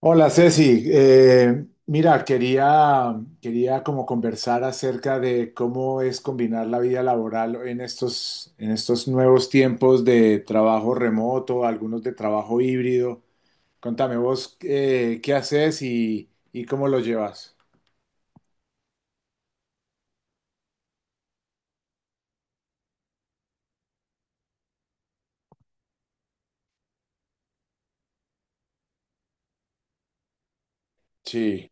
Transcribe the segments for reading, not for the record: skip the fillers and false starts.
Hola Ceci, mira, quería como conversar acerca de cómo es combinar la vida laboral en estos nuevos tiempos de trabajo remoto, algunos de trabajo híbrido. Contame vos qué haces y cómo lo llevas. Sí,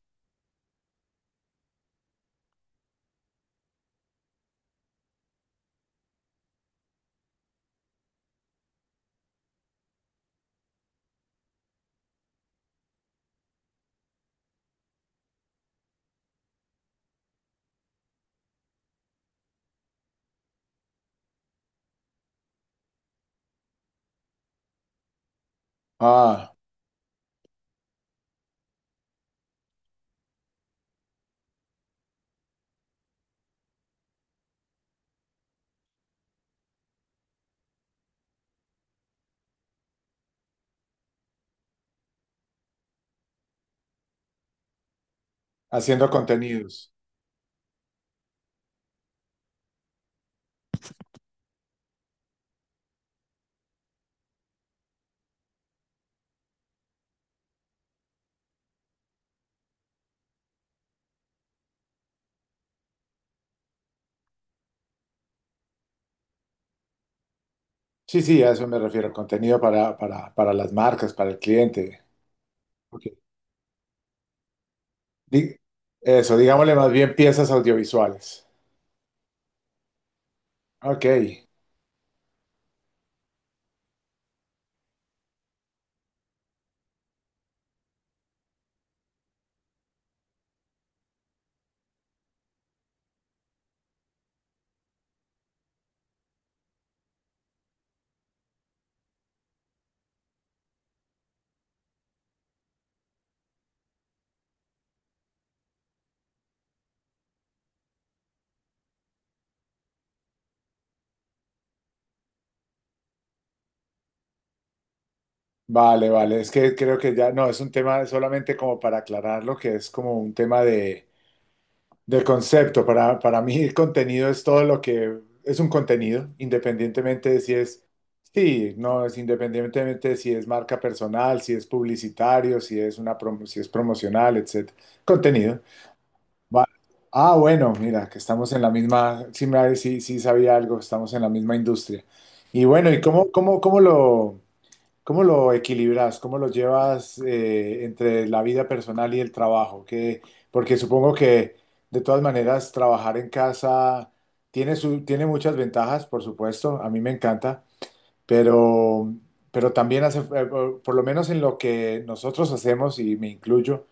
ah, haciendo contenidos. Sí, sí, a eso me refiero, contenido para las marcas, para el cliente. Ok. Di- Eso, digámosle más bien piezas audiovisuales. Ok. Vale, vale, es que creo que ya, no, es un tema solamente como para aclarar lo que es como un tema de concepto. Para mí el contenido es todo lo que es un contenido, independientemente de si es, sí, no, es independientemente de si es marca personal, si es publicitario, si es si es promocional, etcétera. Contenido. Va- Ah, bueno, mira, que estamos en la misma, sí, sí, sí sabía algo, estamos en la misma industria. Y bueno, ¿y cómo lo? ¿Cómo lo equilibras? ¿Cómo lo llevas entre la vida personal y el trabajo? Que, porque supongo que de todas maneras trabajar en casa tiene muchas ventajas, por supuesto. A mí me encanta, pero, pero también hace, por lo menos en lo que nosotros hacemos, y me incluyo,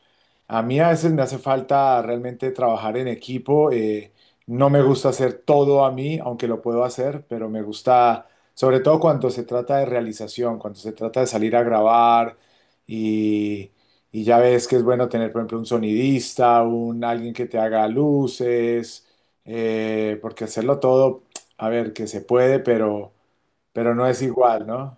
a mí a veces me hace falta realmente trabajar en equipo. No me gusta hacer todo a mí, aunque lo puedo hacer, pero me gusta, sobre todo cuando se trata de realización, cuando se trata de salir a grabar y, y ya ves que es bueno tener, por ejemplo, un sonidista, un alguien que te haga luces, porque hacerlo todo, a ver, que se puede, pero no es igual, ¿no?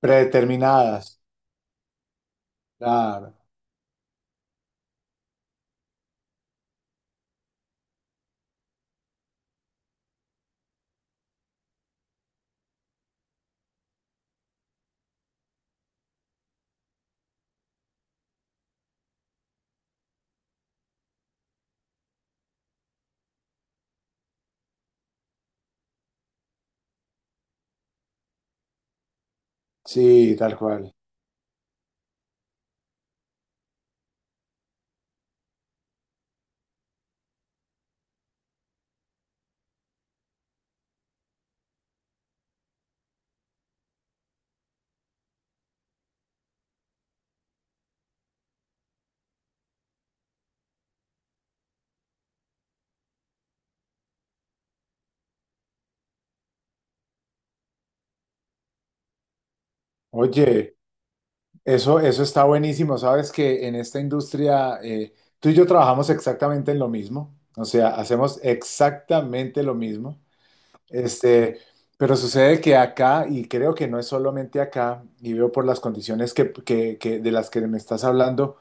Predeterminadas. Claro. Sí, tal cual. Oye, eso está buenísimo. Sabes que en esta industria, tú y yo trabajamos exactamente en lo mismo. O sea, hacemos exactamente lo mismo. Este, pero sucede que acá, y creo que no es solamente acá, y veo por las condiciones de las que me estás hablando.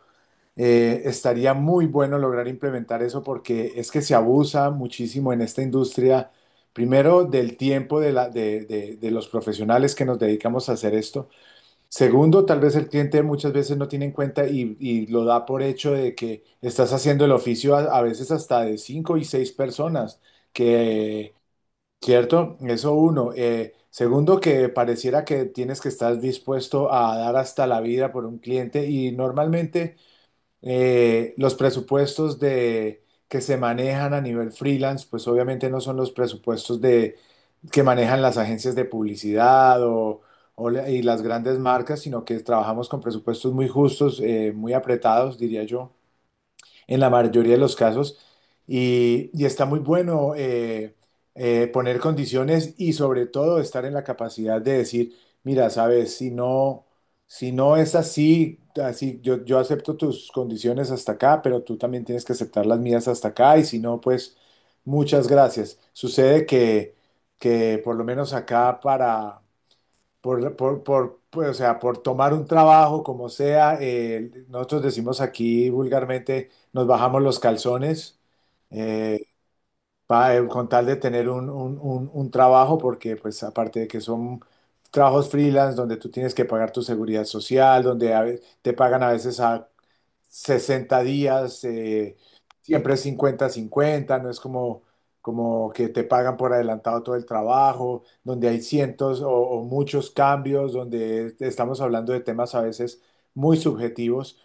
Estaría muy bueno lograr implementar eso porque es que se abusa muchísimo en esta industria. Primero, del tiempo de, la- de los profesionales que nos dedicamos a hacer esto. Segundo, tal vez el cliente muchas veces no tiene en cuenta y, lo da por hecho de que estás haciendo el oficio a veces hasta de cinco y seis personas, que, ¿cierto? Eso uno. Segundo, que pareciera que tienes que estar dispuesto a dar hasta la vida por un cliente y normalmente. Los presupuestos que se manejan a nivel freelance, pues obviamente no son los presupuestos que manejan las agencias de publicidad o las grandes marcas, sino que trabajamos con presupuestos muy justos, muy apretados, diría yo, en la mayoría de los casos. Y está muy bueno, poner condiciones y, sobre todo, estar en la capacidad de decir: mira, sabes, si no, es así, así yo acepto tus condiciones hasta acá, pero tú también tienes que aceptar las mías hasta acá y, si no, pues muchas gracias. Sucede que por lo menos acá, para por, pues, o sea, por tomar un trabajo, como sea, nosotros decimos aquí vulgarmente, nos bajamos los calzones. eh, con tal de tener un trabajo, porque pues aparte de que son trabajos freelance donde tú tienes que pagar tu seguridad social, donde te pagan a veces a 60 días, siempre cincuenta cincuenta, no es como, como que te pagan por adelantado todo el trabajo, donde hay cientos o muchos cambios, donde estamos hablando de temas a veces muy subjetivos.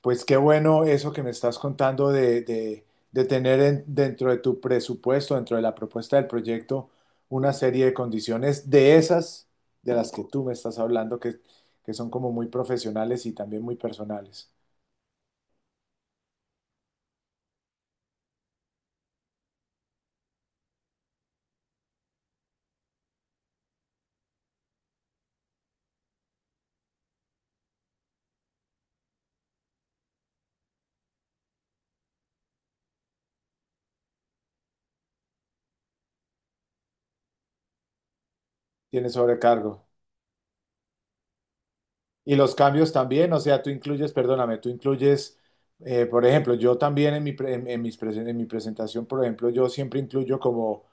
Pues qué bueno eso que me estás contando, de tener dentro de tu presupuesto, dentro de la propuesta del proyecto, una serie de condiciones de esas de las que tú me estás hablando, que son como muy profesionales y también muy personales. Tienes sobrecargo. Y los cambios también, o sea, perdóname, tú incluyes, por ejemplo, yo también en mi, pre- en mis presen- en mi presentación, por ejemplo, yo siempre incluyo como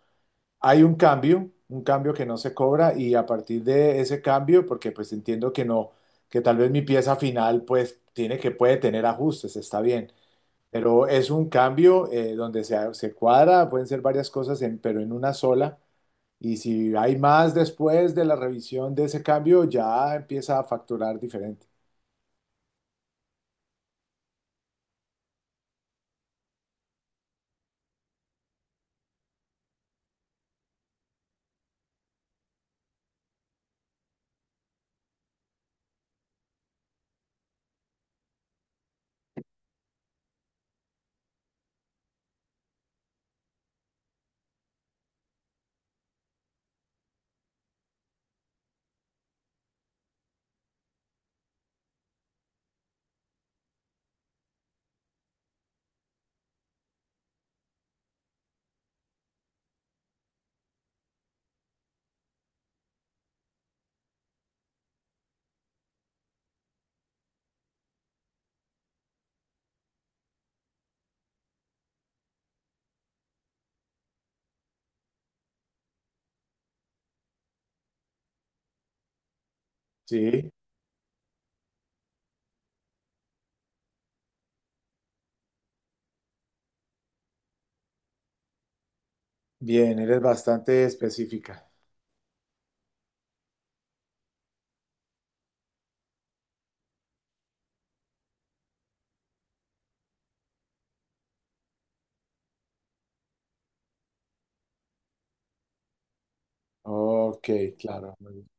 hay un cambio que no se cobra, y a partir de ese cambio, porque pues entiendo que no, que tal vez mi pieza final pues tiene que puede tener ajustes, está bien, pero es un cambio donde se cuadra, pueden ser varias cosas, pero en una sola. Y si hay más después de la revisión de ese cambio, ya empieza a facturar diferente. Sí, bien, eres bastante específica. Ok, claro. Muy bien.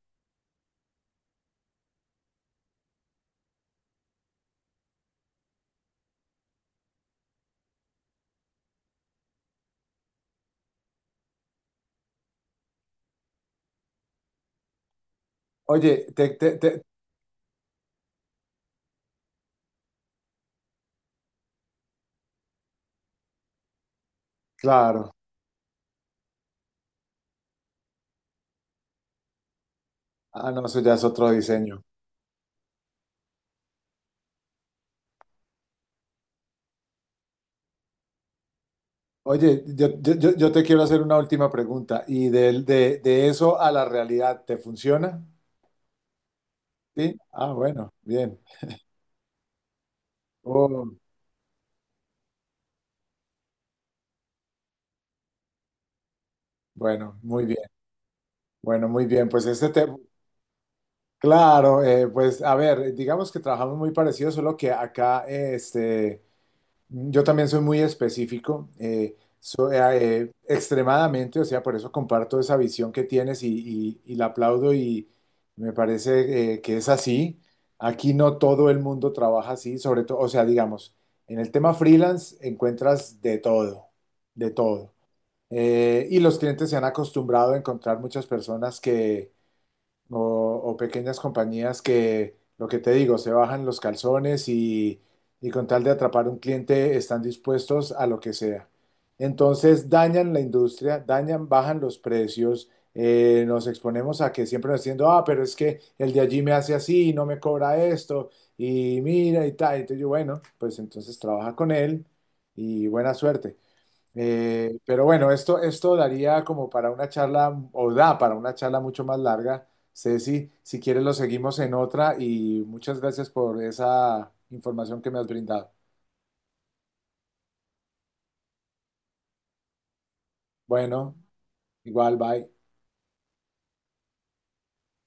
Oye, claro. Ah, no, eso ya es otro diseño. Oye, yo te quiero hacer una última pregunta. ¿Y de eso a la realidad, te funciona? ¿Sí? Ah, bueno, bien. Oh, bueno, muy bien. Bueno, muy bien. Pues este tema, claro, pues a ver, digamos que trabajamos muy parecido, solo que acá, yo también soy muy específico, soy, extremadamente, o sea, por eso comparto esa visión que tienes y la aplaudo, y me parece, que es así. Aquí no todo el mundo trabaja así, sobre todo, o sea, digamos, en el tema freelance encuentras de todo, de todo. Y los clientes se han acostumbrado a encontrar muchas personas o, o pequeñas compañías que, lo que te digo, se bajan los calzones y con tal de atrapar un cliente están dispuestos a lo que sea. Entonces dañan la industria, dañan, bajan los precios, nos exponemos a que siempre nos diciendo, ah, pero es que el de allí me hace así, no me cobra esto, y mira y tal. Entonces yo, bueno, pues entonces trabaja con él y buena suerte. Pero bueno, esto daría como para una charla, o da para una charla mucho más larga. Ceci, si quieres lo seguimos en otra y muchas gracias por esa información que me has brindado. Bueno, igual, bye.